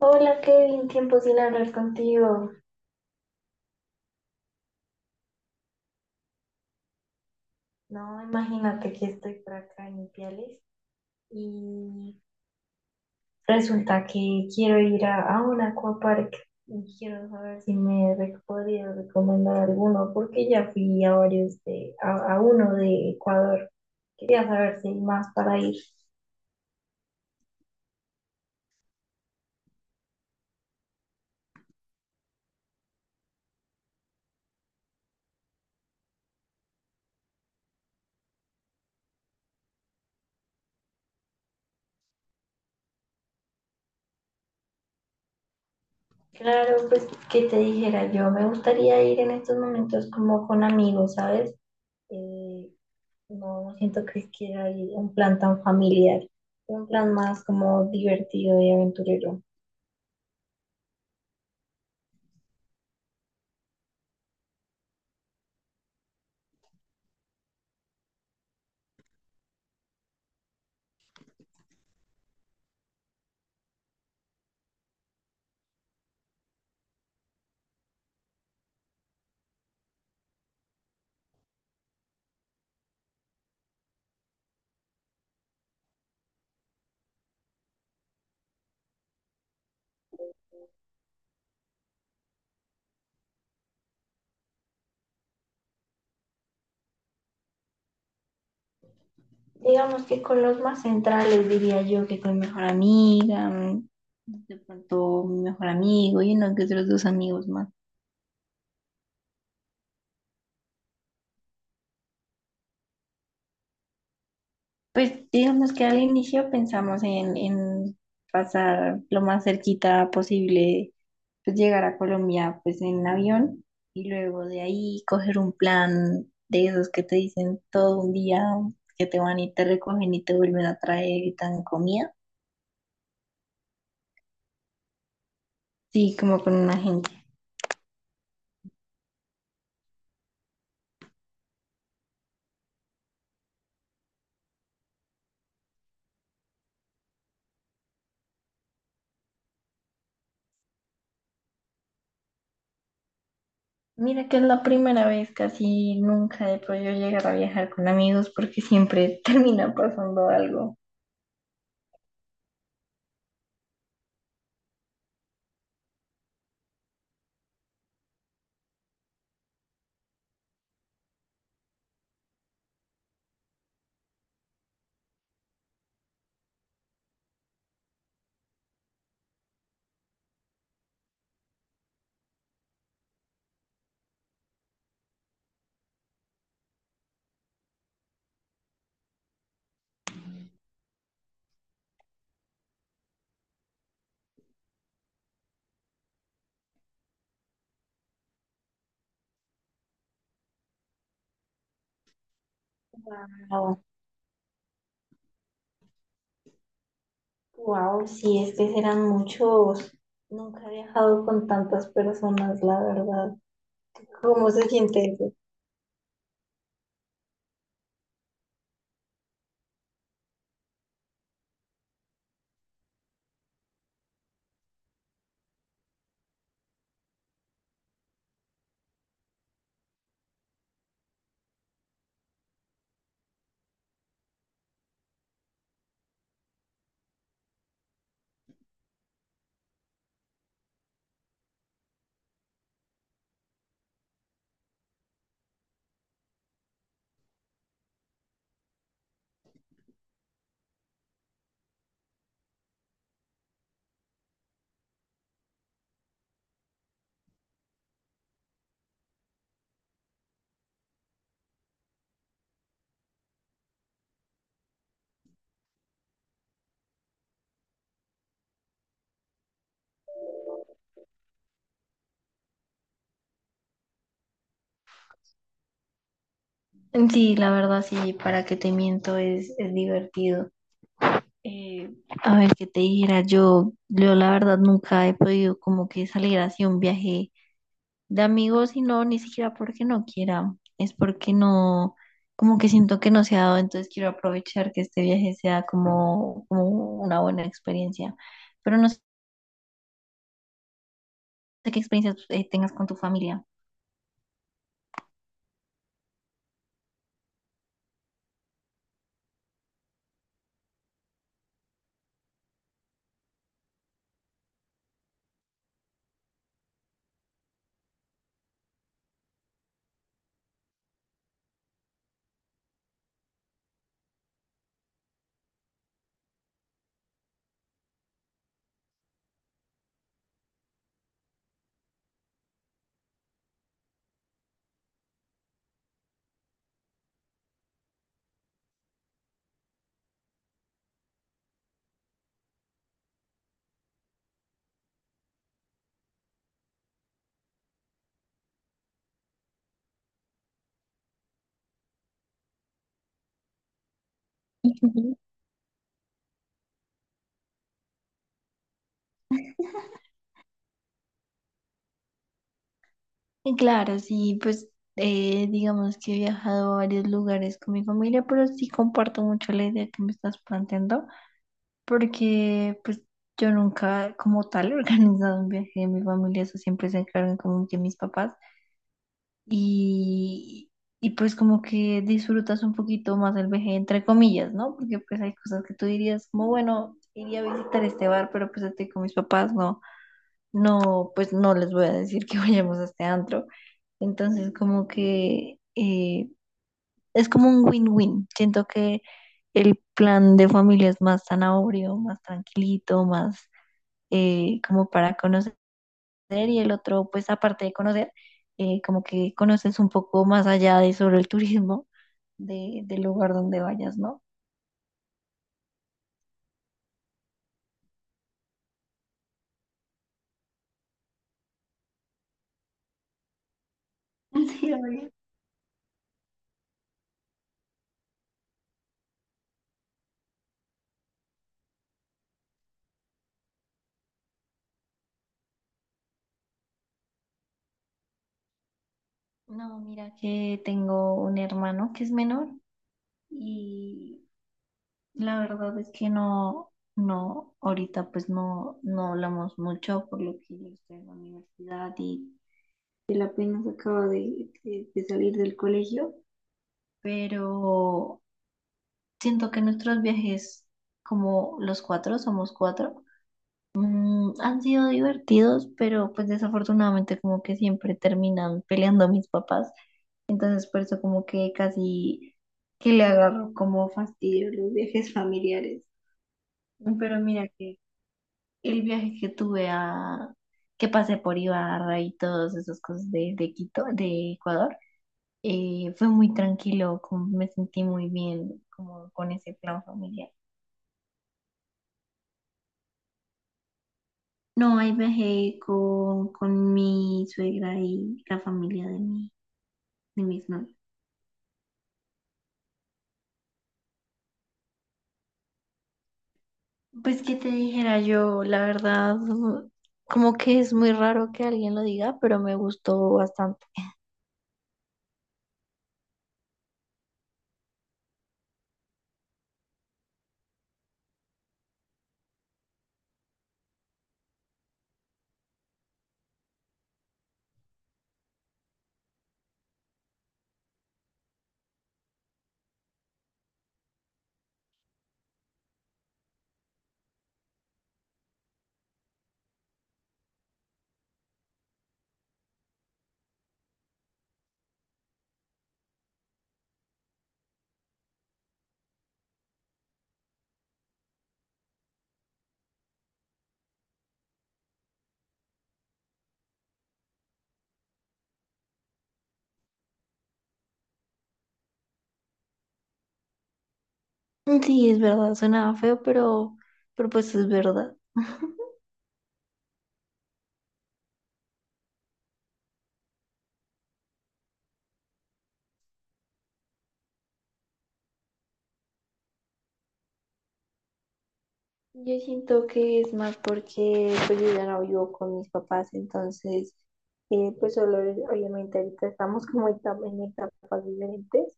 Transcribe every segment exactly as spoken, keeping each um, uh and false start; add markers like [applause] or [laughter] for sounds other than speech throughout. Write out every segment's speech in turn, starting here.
Hola Kevin, tiempo sin hablar contigo. No, imagínate que estoy por acá en Ipiales y resulta que quiero ir a, a un aquapark y quiero saber si me re- podrías recomendar alguno porque ya fui a varios de, a, a uno de Ecuador. Quería saber si hay más para ir. Claro, pues que te dijera yo, me gustaría ir en estos momentos como con amigos, ¿sabes? Eh, No, siento que es que hay un plan tan familiar, un plan más como divertido y aventurero. Digamos que con los más centrales diría yo que con mi mejor amiga, mm, de pronto mi mejor amigo y uno que otros dos amigos más. Pues digamos que al inicio pensamos en, en pasar lo más cerquita posible, pues llegar a Colombia pues en avión y luego de ahí coger un plan de esos que te dicen todo un día que te van y te recogen y te vuelven a traer y te dan comida. Sí, como con una gente. Mira que es la primera vez, casi nunca he podido llegar a viajar con amigos porque siempre [laughs] termina pasando algo. Wow, sí, es que serán muchos. Nunca he viajado con tantas personas, la verdad. ¿Cómo se siente eso? Sí, la verdad sí, para que te miento es, es divertido. Eh, a ver, qué te dijera yo, yo la verdad nunca he podido como que salir así a un viaje de amigos y no, ni siquiera porque no quiera, es porque no, como que siento que no se ha dado, entonces quiero aprovechar que este viaje sea como, como una buena experiencia. Pero no de qué experiencias eh, tengas con tu familia. Ujú. Y claro, sí, pues eh, digamos que he viajado a varios lugares con mi familia, pero sí comparto mucho la idea que me estás planteando, porque pues yo nunca como tal he [laughs] organizado un viaje de mi familia, eso siempre se encargan como que mis papás y, y pues como que disfrutas un poquito más el viaje entre comillas, ¿no? Porque pues hay cosas que tú dirías como, bueno, iría a visitar este bar, pero pues estoy con mis papás, ¿no? No, pues no les voy a decir que [laughs] vayamos a este antro. Entonces, como que eh, es como un win-win. Siento que el plan de familia es más zanahorio, más tranquilito, más eh, como para conocer y el otro, pues aparte de conocer, eh, como que conoces un poco más allá de sobre el turismo de, del lugar donde vayas, ¿no? [laughs] Sí, obvio. No, mira que tengo un hermano que es menor y la verdad es que no, no, ahorita pues no, no hablamos mucho por lo que yo estoy en la universidad y él apenas acaba de, de- de salir del colegio, pero siento que nuestros viajes, como los cuatro, somos cuatro, mm, han sido divertidos, pero pues desafortunadamente como que siempre terminan peleando mis papás, entonces por eso como que casi que le agarro como fastidio los viajes familiares. Pero mira que el viaje que tuve a, que pasé por Ibarra y todas esas cosas de, de Quito, de Ecuador, eh, fue muy tranquilo, como me sentí muy bien como con ese plan familiar. No, ahí viajé con, con mi suegra y la familia de mi, de mis novios. Pues que te dijera yo, la verdad, como que es muy raro que alguien lo diga, pero me gustó bastante. Sí, es verdad, suena feo, pero, pero pues es verdad. Yo siento que es más porque pues yo ya no vivo con mis papás, entonces eh, pues solo obviamente ahorita estamos como etapa- en etapas diferentes,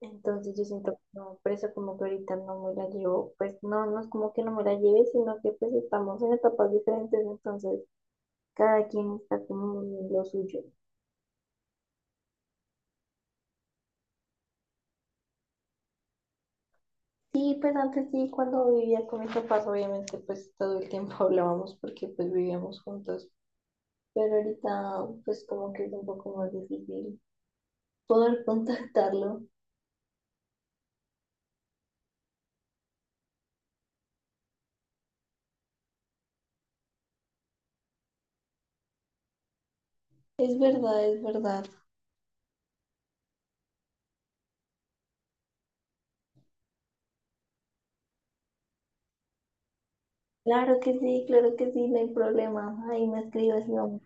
entonces yo siento que no, por eso como que ahorita no me la llevo, pues no, no es como que no me la lleve, sino que pues estamos en etapas diferentes, entonces cada quien está como en lo suyo. Sí, pues antes sí, cuando vivía con mis papás, obviamente pues todo el tiempo [laughs] hablábamos porque pues vivíamos juntos. Pero ahorita, pues como que es un poco más difícil poder contactarlo. Es verdad, es verdad. Claro que sí, claro que sí, no hay problema. Ahí me escribes, mi amor.